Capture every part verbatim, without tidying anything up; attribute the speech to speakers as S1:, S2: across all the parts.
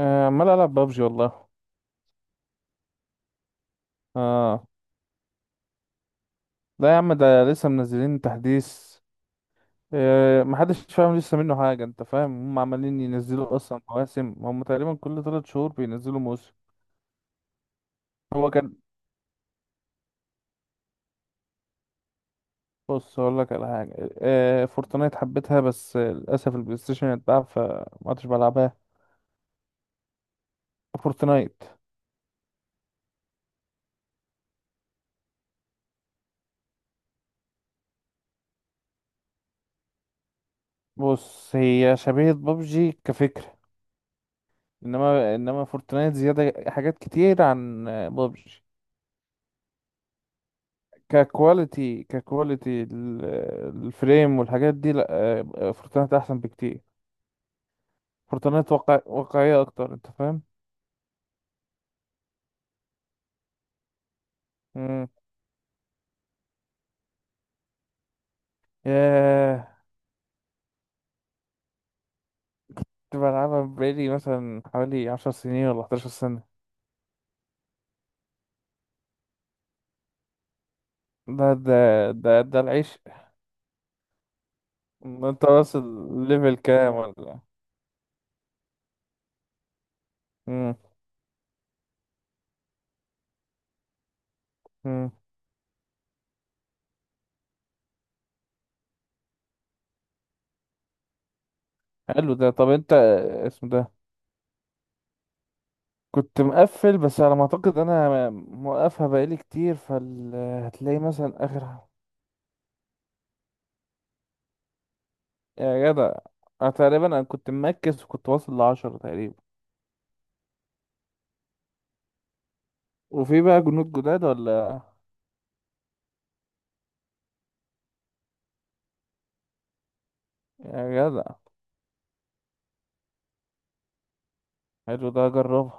S1: آه، عمال العب بابجي والله. اه. لا يا عم، ده لسه منزلين تحديث. آه محدش فاهم لسه منه حاجه، انت فاهم. هم عمالين ينزلوا اصلا مواسم، هم تقريبا كل ثلاث شهور بينزلوا موسم. هو كان بص اقول لك على حاجه. آه فورتنايت حبيتها، بس آه، للاسف البلاي ستيشن اتباع فما عدتش بلعبها. فورتنايت، بص، هي شبيهه بابجي كفكره. انما انما فورتنايت زياده حاجات كتير عن بابجي. ككواليتي ككواليتي ال- الفريم والحاجات دي، لا. فورتنايت احسن بكتير. فورتنايت واقع واقعية اكتر، انت فاهم؟ امم. ياه. كنت بلعبها بقالي مثلا حوالي عشر سنين ولا 11 سنة. ده ده ده ده العيش. انت واصل ليفل كام ولا؟ امم. امم. حلو ده. طب انت اسمه ده. كنت مقفل، بس على ما اعتقد انا موقفها بقالي كتير فهتلاقي مثلا اخر. يا جدع. أنا تقريبا انا كنت مركز وكنت واصل لعشرة تقريبا. وفي بقى جنود جداد ولا؟ يا جدع. حلو ده، اجربها.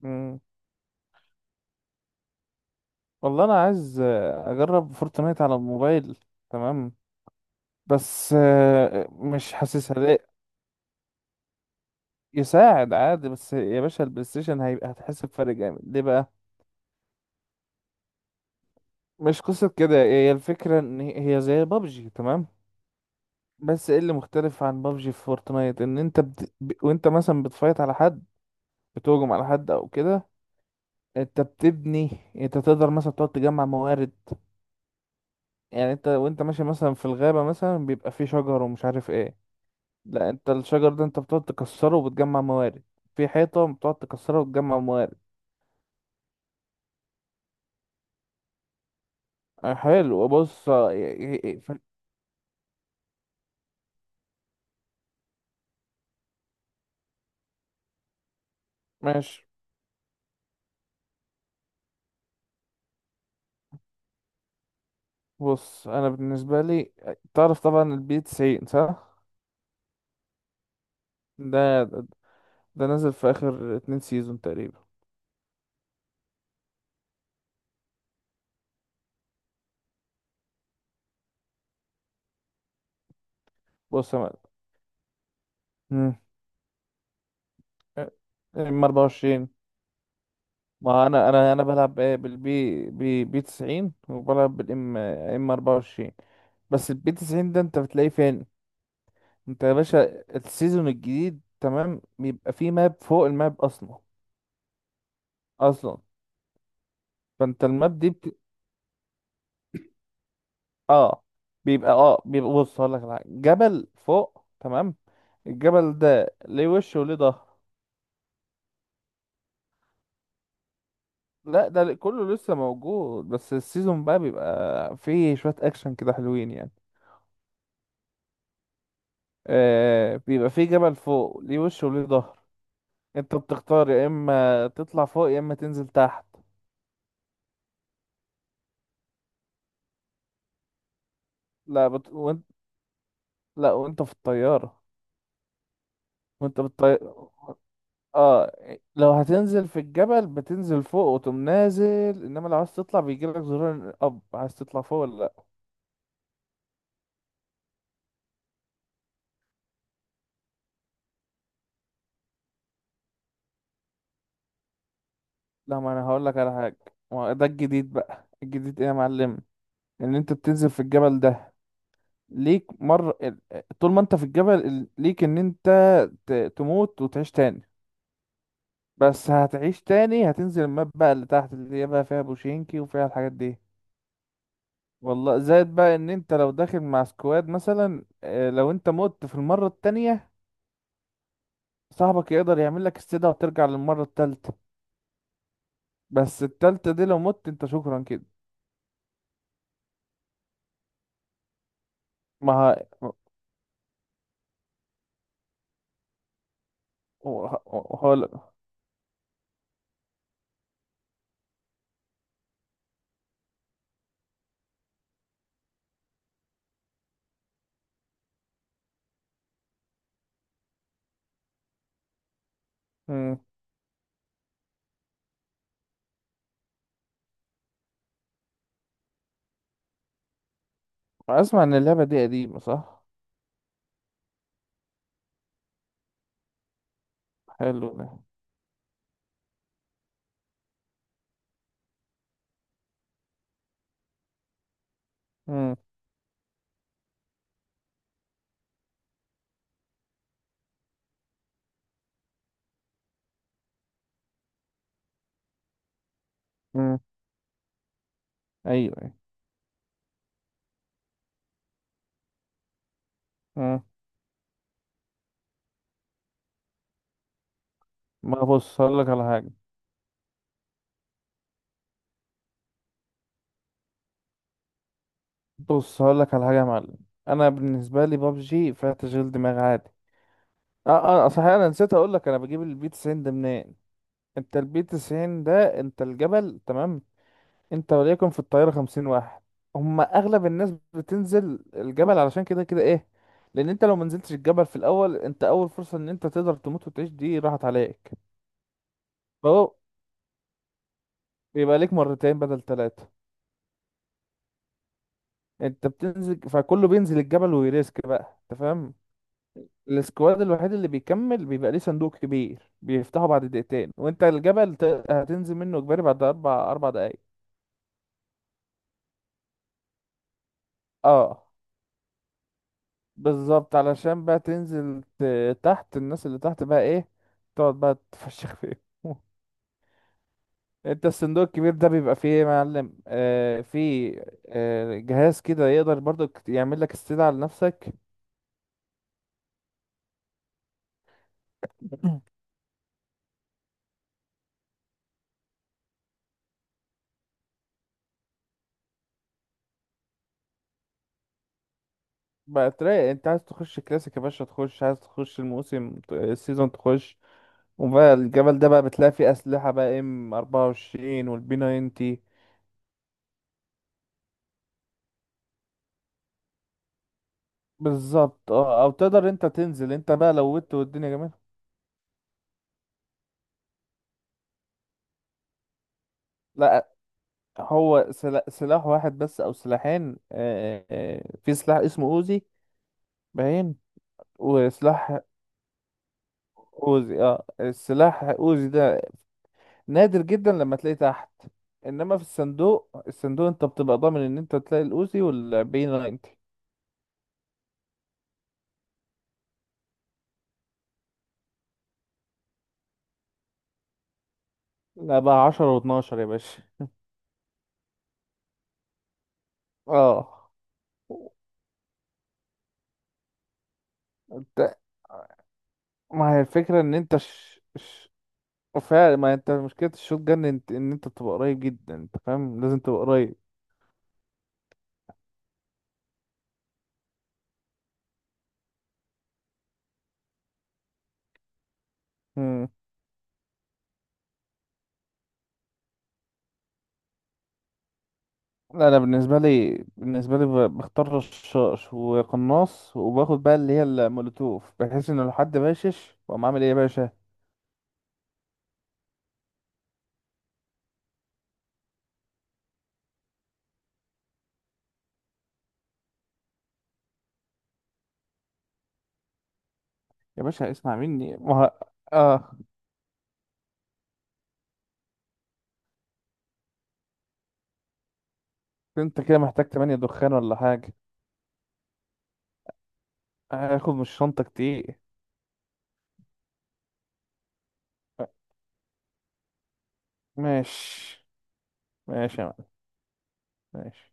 S1: مم. والله انا عايز آه، اجرب فورتنايت على الموبايل. تمام. بس آه، مش حاسسها ليه. يساعد عادي، بس يا باشا البلاي ستيشن هيبقى هتحس بفرق جامد ليه بقى. مش قصة كده، هي الفكرة ان هي هي زي بابجي تمام. بس ايه اللي مختلف عن بابجي في فورتنايت؟ ان انت بت... ب- وانت مثلا بتفايت على حد، بتهجم على حد او كده. انت بتبني، انت تقدر مثلا تقعد تجمع موارد. يعني انت وانت ماشي مثلا في الغابة مثلا، بيبقى فيه شجر ومش عارف ايه. لا، انت الشجر ده انت بتقعد تكسره وبتجمع موارد. في حيطة بتقعد تكسرها وتجمع موارد. اه حلو. بص اه، ي- ي- ي- ف- ماشي. بص انا بالنسبة لي، تعرف طبعا البي تسعين صح؟ ده ده ده نزل في اخر اتنين سيزون تقريبا. بص يا معلم. مم. ام اربعه وعشرين. ما انا انا انا بلعب إيه بالبي بي بي تسعين وبلعب بالام ام اربعه وعشرين. بس البي تسعين ده انت بتلاقيه فين؟ انت يا باشا، السيزون الجديد تمام بيبقى فيه ماب فوق الماب اصلا. اصلا. فانت الماب دي بت... اه بيبقى اه بيبقى، بص هقول لك على حاجة. جبل فوق، تمام. الجبل ده ليه وش وليه ظهر. لا، ده ل- كله لسه موجود، بس السيزون بقى بيبقى فيه شوية اكشن كده حلوين يعني. آه بيبقى فيه جبل فوق ليه وش وليه ظهر. انت بتختار يا اما تطلع فوق يا اما تنزل تحت. لا بت... وانت لا، وانت في الطيارة. وانت بالطيارة، اه، لو هتنزل في الجبل بتنزل فوق وتقوم نازل، انما لو عايز تطلع بيجيلك زرار اب عايز تطلع فوق ولا لا. لا، ما انا هقول لك على حاجة. ما هو ده الجديد بقى. الجديد ايه يا معلم؟ ان انت بتنزل في الجبل ده، ليك مرة ال- طول ما انت في الجبل ال- ليك ان انت ت... تموت وتعيش تاني. بس هتعيش تاني هتنزل الماب بقى اللي تحت اللي هي بقى فيها بوشينكي وفيها الحاجات دي. والله زائد بقى ان انت لو داخل مع سكواد مثلا، آه، لو انت مت في المرة التانية صاحبك يقدر يعمل لك استدعاء وترجع للمرة التالتة. بس التالتة دي لو مت انت، شكرا كده. ما ه... هقول اسمع ان اللعبة دي قديمة صح؟ حلو ده. مم. مم. ايوه، أيوة. مم. ما بص هقول لك على حاجة. بص هقول لك على حاجة يا معلم. انا بالنسبة لي بابجي فيها تشغيل دماغ عادي. اه اه صحيح، انا نسيت اقول لك انا بجيب البي تسعين ده منين. انت البي تسعين ده، انت الجبل تمام، انت وليكن في الطياره خمسين واحد، هما اغلب الناس بتنزل الجبل علشان كده كده ايه. لان انت لو منزلتش الجبل في الاول انت اول فرصه ان انت تقدر تموت وتعيش دي راحت عليك. فهو بيبقى ليك مرتين بدل ثلاثه. انت بتنزل فكله بينزل الجبل ويريسك بقى، انت فاهم. السكواد الوحيد اللي بيكمل بيبقى ليه صندوق كبير بيفتحه بعد دقيقتين، وانت الجبل ت- هتنزل منه اجباري بعد اربع اربع دقايق. اه، بالظبط، علشان بقى تنزل ت- تحت الناس اللي تحت بقى ايه، تقعد بقى تفشخ فيهم. انت الصندوق الكبير ده بيبقى فيه ايه يا معلم؟ آه فيه، آه جهاز كده يقدر برضو كت- يعمل لك استدعاء لنفسك. بقى تلاقي انت عايز تخش كلاسيك يا باشا، تخش عايز تخش الموسم ت- السيزون تخش، وبقى الجبل ده بقى بتلاقي فيه أسلحة بقى ام اربع وعشرين والبي تسعين. بالظبط اه. او تقدر انت تنزل انت بقى لو ودت والدنيا جميلة. لا، هو سلا- سلاح واحد بس او سلاحين. آه، آه، آه، في سلاح اسمه اوزي، باين. وسلاح اوزي اه، السلاح اوزي ده نادر جدا لما تلاقيه تحت. انما في الصندوق، الصندوق انت بتبقى ضامن ان انت تلاقي الاوزي والبي تسعين. لا بقى عشرة و12 يا باشا. اه. ما هي الفكرة ان انت ش... ش... فعلا، ما انت مشكلة الشوت جن انت... ان انت تبقى قريب جدا، انت فاهم. لازم تبقى قريب. مم. لا انا بالنسبة لي بالنسبة لي ب- بختار رشاش وقناص وباخد بقى اللي هي المولوتوف، بحيث ان لو حد باشش واقوم عامل ايه يا باشا. يا باشا اسمع مني ما ه... اه، انت كده محتاج تمانية دخان ولا حاجة. هاخد من الشنطة كتير. ماشي. ماشي يا معلم. ماشي.